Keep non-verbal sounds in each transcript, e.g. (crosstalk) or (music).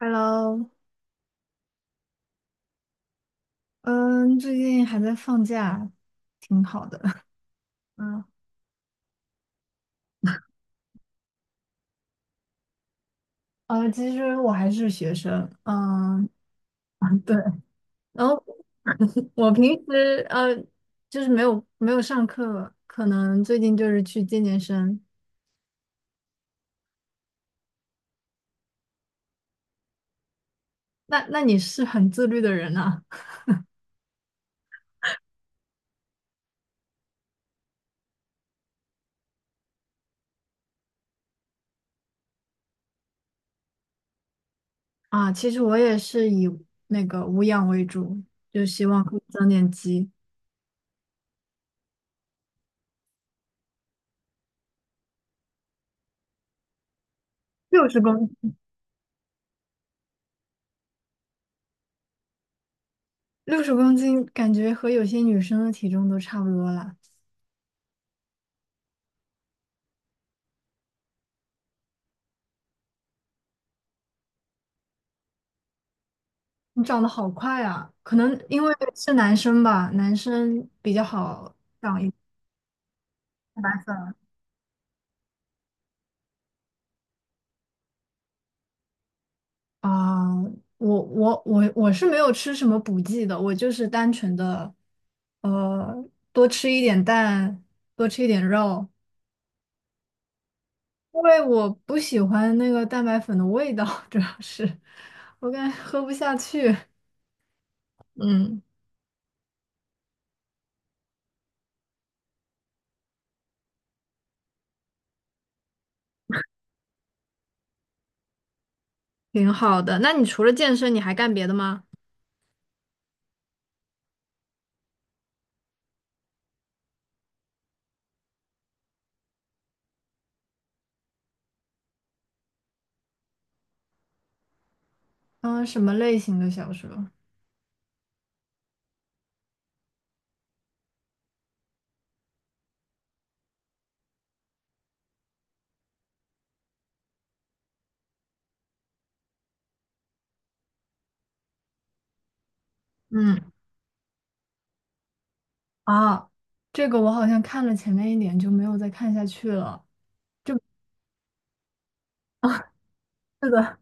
Hello，嗯，最近还在放假，挺好的。(laughs) 嗯，其实我还是学生，嗯，(laughs) 对。然后 (laughs) 我平时就是没有上课，可能最近就是去健健身。那你是很自律的人啊？(laughs) 啊，其实我也是以那个无氧为主，就希望可以增点肌。六十公六十公斤，感觉和有些女生的体重都差不多了。你长得好快啊！可能因为是男生吧，男生比较好长一蛋白粉啊。我是没有吃什么补剂的，我就是单纯的，呃，多吃一点蛋，多吃一点肉，因为我不喜欢那个蛋白粉的味道，(laughs) 主要是我感觉喝不下去。嗯，挺好的。那你除了健身，你还干别的吗？嗯、什么类型的小说？嗯。啊，这个我好像看了前面一点就没有再看下去了 (laughs)。是的，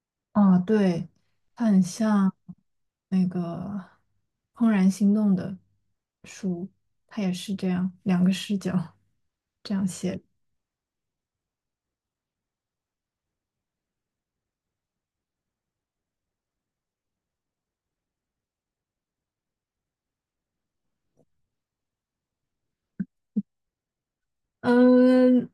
(laughs) 啊，对，它很像那个《怦然心动》的书，它也是这样，两个视角这样写。嗯，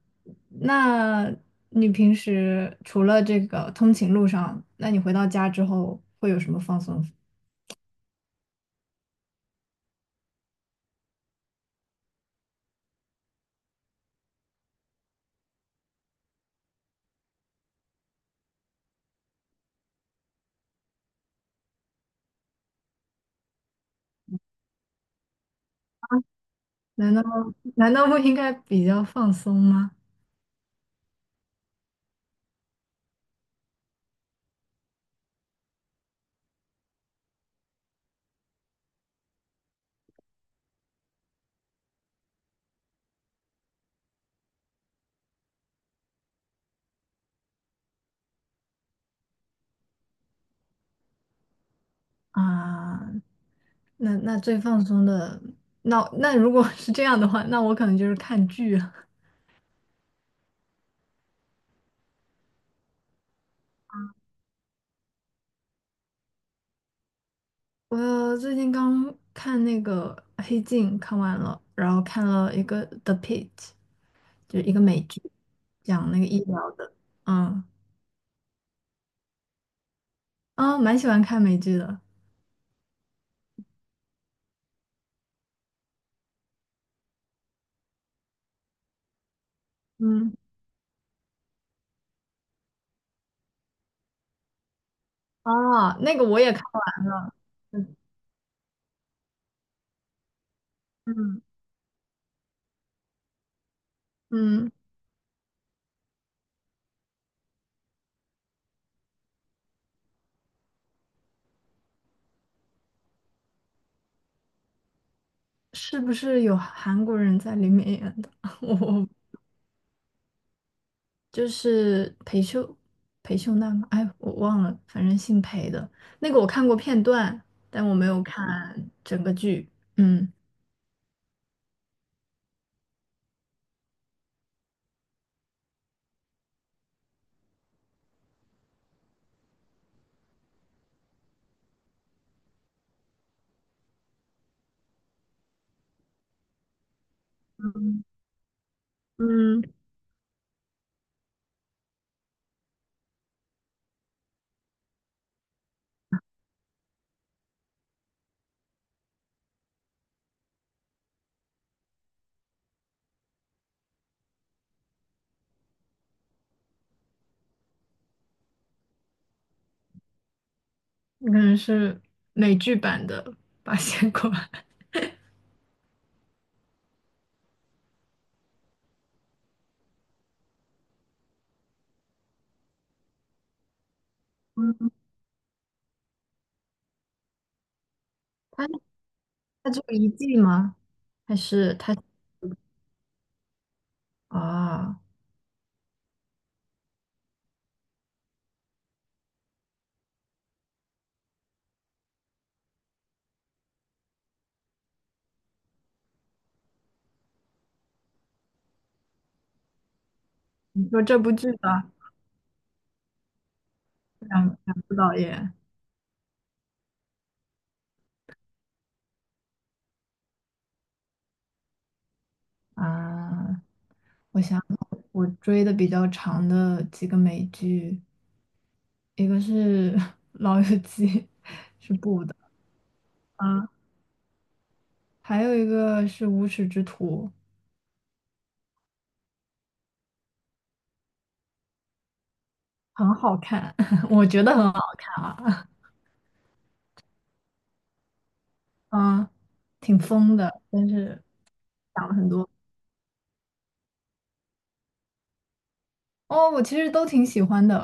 那你平时除了这个通勤路上，那你回到家之后会有什么放松？难道难道不应该比较放松吗？啊，那最放松的，那如果 (laughs) 是这样的话，那我可能就是看剧了。我最近刚看那个《呃黑镜》，看完了，然后看了一个《The p i t 就是一个美剧，讲那个医疗的。嗯，啊，蛮喜欢看美剧的。嗯，啊，那个我也看完了。嗯嗯嗯，是不是有韩国人在里面演的？(laughs) 我就是裴秀娜吗？哎，我忘了，反正姓裴的那个我看过片段，但我没有看整个剧。嗯嗯，可能是美剧版的《八仙过海》。嗯，(laughs) 它它只有一季吗？还是它啊？你说这部剧的两部导演啊？我想想我追的比较长的几个美剧，一个是 (laughs)《老友记》。补的啊，还有一个是《无耻之徒》，很好看，(laughs) 我觉得很好看啊，嗯，挺疯的，但是讲了很多。哦，我其实都挺喜欢的，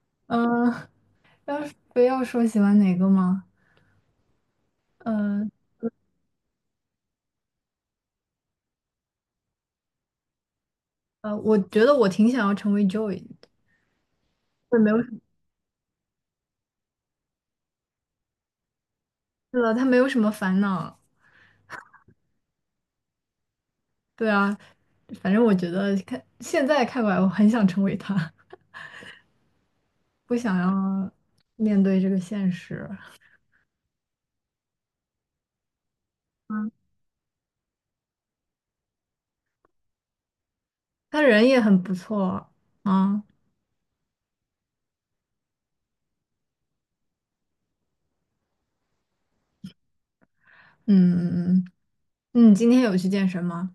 (laughs) 嗯，要是非要说喜欢哪个吗？嗯我觉得我挺想要成为 Joy，对，没有什么，是的，他没有什么烦恼，对啊，反正我觉得看现在看过来，我很想成为他，(laughs) 不想要面对这个现实。啊他人也很不错啊。嗯嗯嗯，你今天有去健身吗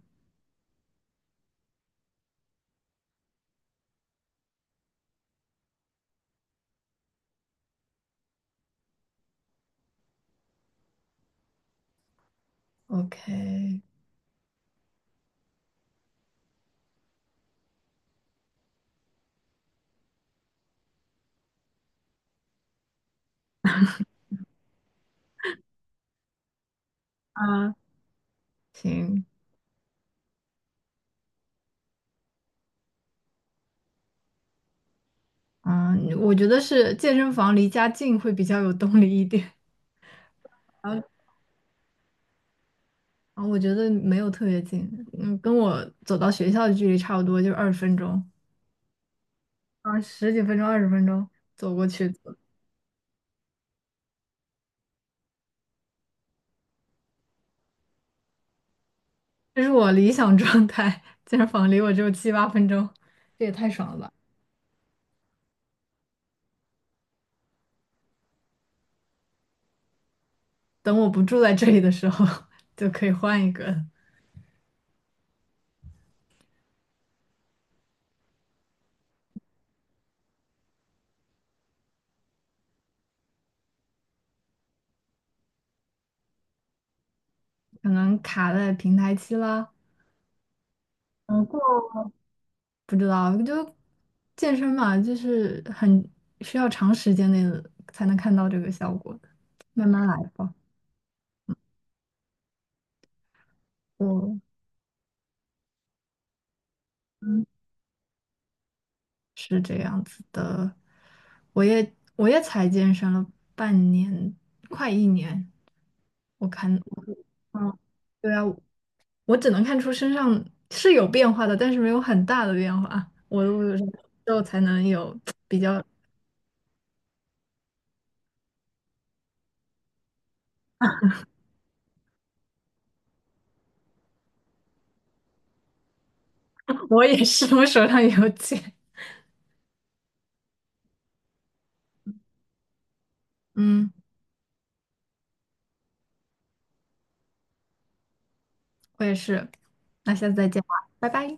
？OK，啊，行，啊，我觉得是健身房离家近会比较有动力一点 (laughs)。然后啊，我觉得没有特别近，嗯，跟我走到学校的距离差不多，就二十分钟，啊，十几分钟、二十分钟走过去，这是我理想状态。健身房离我只有7、8分钟，这也太爽了吧！等我不住在这里的时候，(laughs) 就可以换一个。可能卡在平台期了，嗯，过不知道。就健身嘛，就是很需要长时间内的才能看到这个效果的，慢慢来吧。我嗯我也才健身了半年，快1年。我看 (laughs)，嗯对啊，我只能看出身上是有变化的，但是没有很大的变化。我之后才能有比较，(laughs) 我也是，我手上有茧。嗯。我也是。那下次再见吧，拜拜。